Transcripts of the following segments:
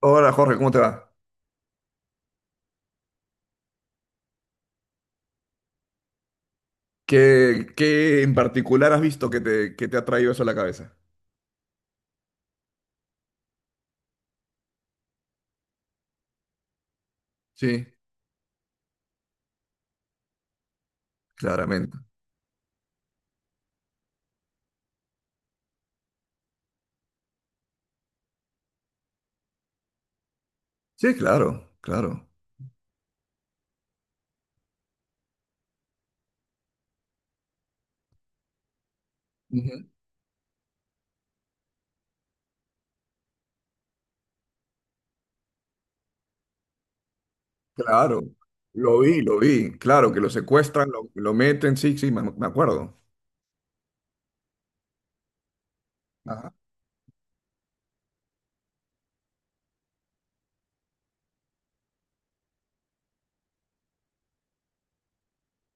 Hola Jorge, ¿cómo te va? ¿Qué en particular has visto que te ha traído eso a la cabeza? Sí, claramente. Sí, claro, claro. Ujú. Claro, lo vi, lo vi. Claro, que lo secuestran, lo meten, sí, sí, me acuerdo. Ajá.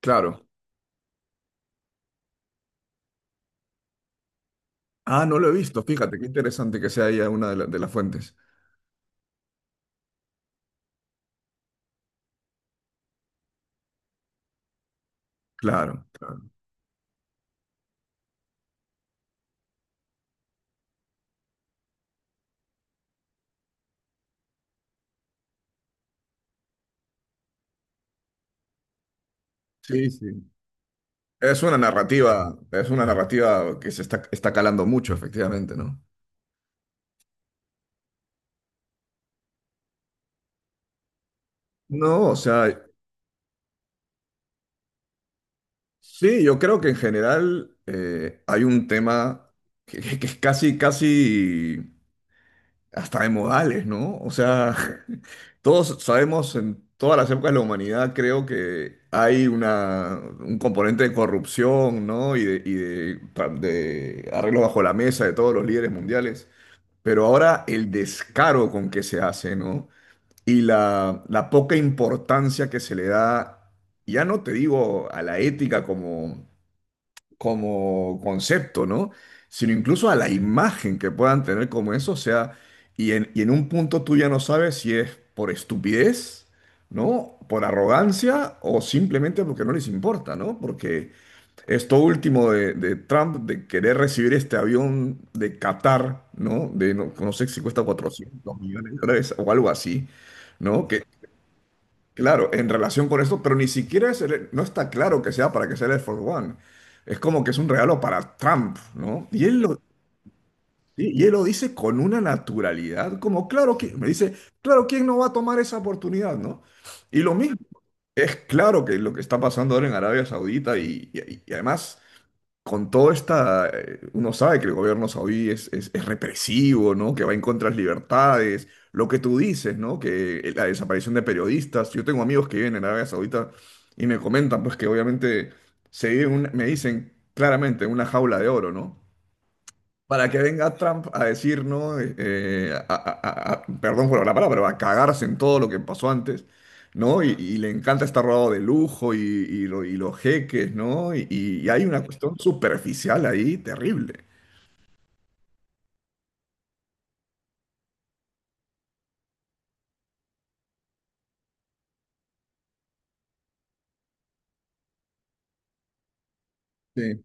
Claro. Ah, no lo he visto, fíjate, qué interesante que sea ya de las fuentes. Claro, claro. Sí, sí. Es una narrativa que está calando mucho, efectivamente, ¿no? No, o sea, sí, yo creo que en general hay un tema que es casi, casi hasta de modales, ¿no? O sea, todos sabemos en todas las épocas de la humanidad, creo que hay un componente de corrupción, ¿no? Y de, de arreglos bajo la mesa de todos los líderes mundiales. Pero ahora el descaro con que se hace, ¿no? Y la poca importancia que se le da, ya no te digo a la ética como concepto, ¿no? Sino incluso a la imagen que puedan tener como eso, o sea, y en un punto tú ya no sabes si es por estupidez, ¿no? Por arrogancia o simplemente porque no les importa, ¿no? Porque esto último de Trump de querer recibir este avión de Qatar, ¿no? De no, no sé si cuesta 400 millones de dólares o algo así, ¿no? Que Claro, en relación con esto, pero ni siquiera no está claro que sea para que sea el Air Force One. Es como que es un regalo para Trump, ¿no? Y él lo dice con una naturalidad, como claro que, me dice, claro, ¿quién no va a tomar esa oportunidad, no? Y lo mismo, es claro que lo que está pasando ahora en Arabia Saudita y además con todo esta, uno sabe que el gobierno saudí es represivo, ¿no? Que va en contra de las libertades, lo que tú dices, ¿no? Que la desaparición de periodistas. Yo tengo amigos que viven en Arabia Saudita y me comentan, pues, que obviamente se vive me dicen claramente, en una jaula de oro, ¿no? Para que venga Trump a decir, ¿no?, perdón por la palabra, pero a cagarse en todo lo que pasó antes, ¿no? Y le encanta estar rodeado de lujo y los jeques, ¿no? Y hay una cuestión superficial ahí terrible. Sí,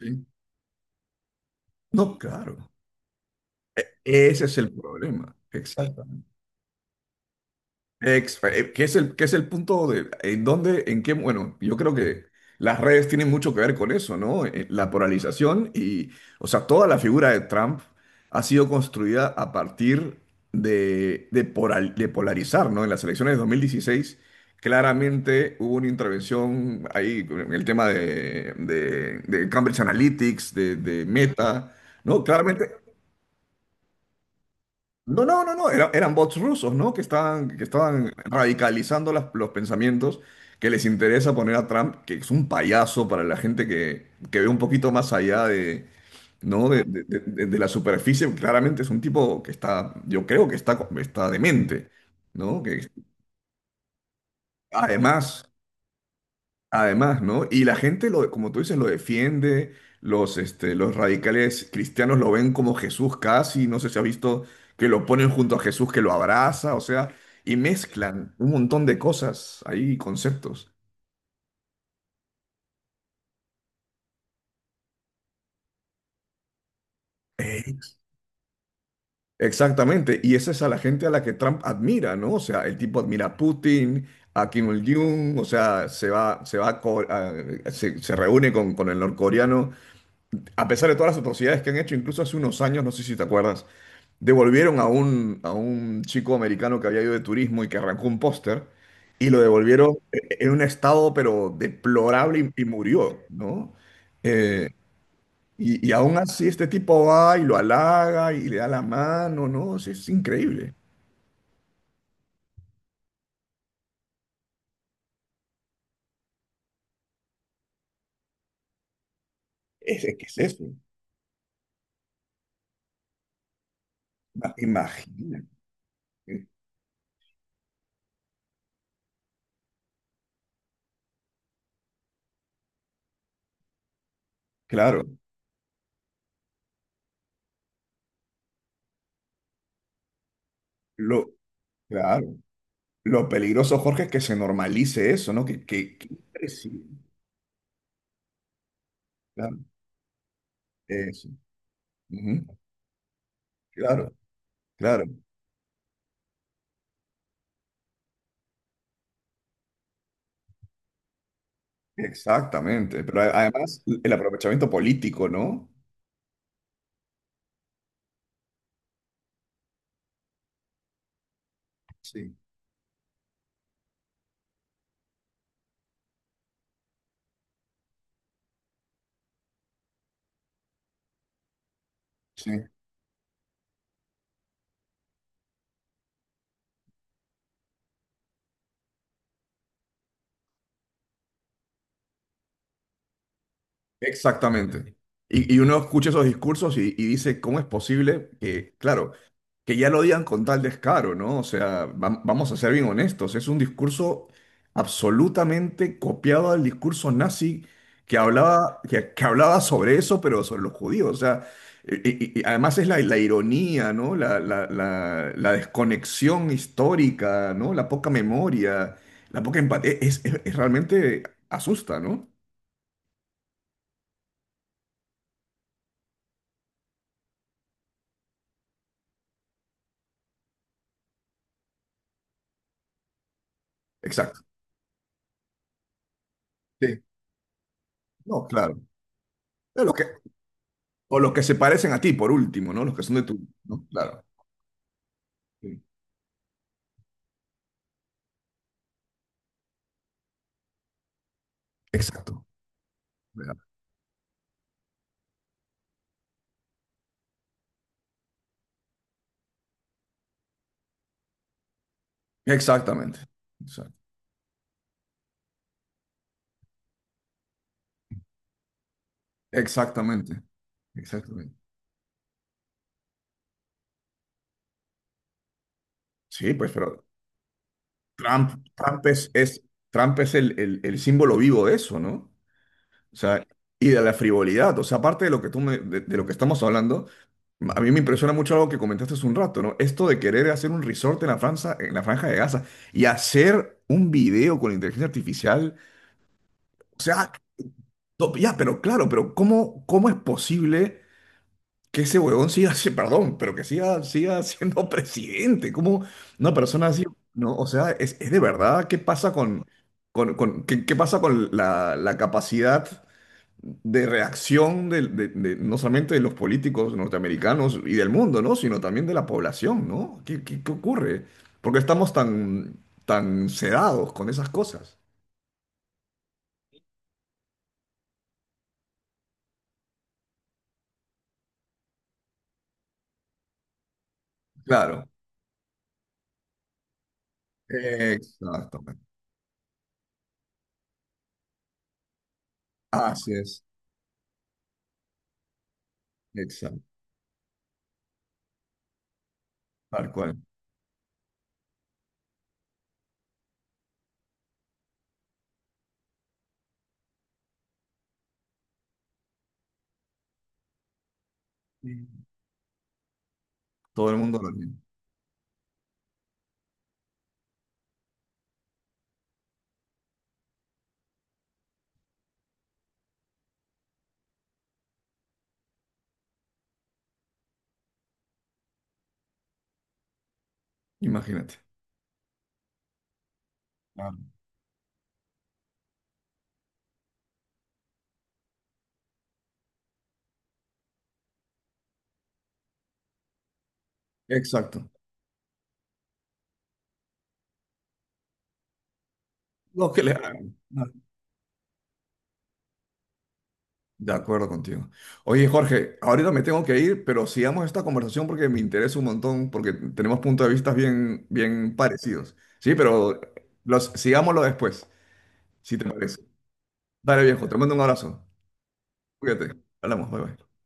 sí. No, claro. Ese es el problema. Exacto. ¿Qué es el punto de en dónde, en qué? Bueno, yo creo que las redes tienen mucho que ver con eso, ¿no? La polarización o sea, toda la figura de Trump ha sido construida a partir de polarizar, ¿no? En las elecciones de 2016 claramente hubo una intervención ahí en el tema de Cambridge Analytics, de Meta, ¿no? Claramente no, no, no, no, eran bots rusos, ¿no? Que estaban radicalizando los pensamientos que les interesa poner a Trump, que es un payaso para la gente que ve un poquito más allá de, ¿no?, de la superficie. Claramente es un tipo que está, yo creo que está demente, ¿no? Que además Además, ¿no? Y la gente, lo, como tú dices, lo defiende. Los radicales cristianos lo ven como Jesús casi, no sé si has visto que lo ponen junto a Jesús que lo abraza, o sea, y mezclan un montón de cosas ahí, conceptos. Ex- Exactamente, y esa es a la gente a la que Trump admira, ¿no? O sea, el tipo admira a Putin, a Kim Il-jung, o sea, se va a co- a- se reúne con el norcoreano, a pesar de todas las atrocidades que han hecho, incluso hace unos años, no sé si te acuerdas. Devolvieron a un chico americano que había ido de turismo y que arrancó un póster y lo devolvieron en un estado pero deplorable y murió, ¿no? Eh, y aún así este tipo va y lo halaga y le da la mano, ¿no? Es increíble. Es que es eso. Imagínate. Claro, lo, claro. Lo peligroso, Jorge, es que se normalice eso, ¿no? Sí, claro, eso. Ujú. Claro, claro. Exactamente, pero además el aprovechamiento político, ¿no? Sí, sí. Exactamente. Y uno escucha esos discursos y dice, ¿cómo es posible que, claro, que ya lo digan con tal descaro, no? O sea, vamos a ser bien honestos, es un discurso absolutamente copiado del discurso nazi que hablaba, que hablaba sobre eso, pero sobre los judíos. O sea, y, y además es la ironía, ¿no? La desconexión histórica, ¿no? La poca memoria, la poca empatía, es realmente asusta, ¿no? Exacto. No, claro. De los que, o los que se parecen a ti, por último, ¿no? Los que son de tu. ¿No? Claro. Sí. Exacto. ¿Verdad? Exactamente. Exact- Exactamente. Exactamente. Sí, pues, pero Trump, Trump es, es- Trump es el símbolo vivo de eso, ¿no? O sea, y de la frivolidad. O sea, aparte de lo que de lo que estamos hablando, a mí me impresiona mucho algo que comentaste hace un rato, ¿no? Esto de querer hacer un resort en la Franja de Gaza y hacer un video con inteligencia artificial. O sea, no, ya, pero claro, pero ¿cómo es posible que ese huevón siga, perdón, pero que siga siendo presidente? ¿Cómo una persona así, no? O sea, es de verdad, ¿qué pasa qué pasa con la capacidad de reacción no solamente de los políticos norteamericanos y del mundo, ¿no? Sino también de la población, ¿no? ¿Qué ocurre? Porque estamos tan, tan sedados con esas cosas. Claro. Exactamente. Así es. Exacto. Tal cual. Sí. Todo el mundo lo tiene. Imagínate. Claro. Exacto. Lo que le hagan. De acuerdo contigo. Oye, Jorge, ahorita me tengo que ir, pero sigamos esta conversación porque me interesa un montón, porque tenemos puntos de vista bien, bien parecidos. Sí, pero sigámoslo después, si te parece. Dale, viejo, te mando un abrazo. Cuídate. Hablamos, bye bye.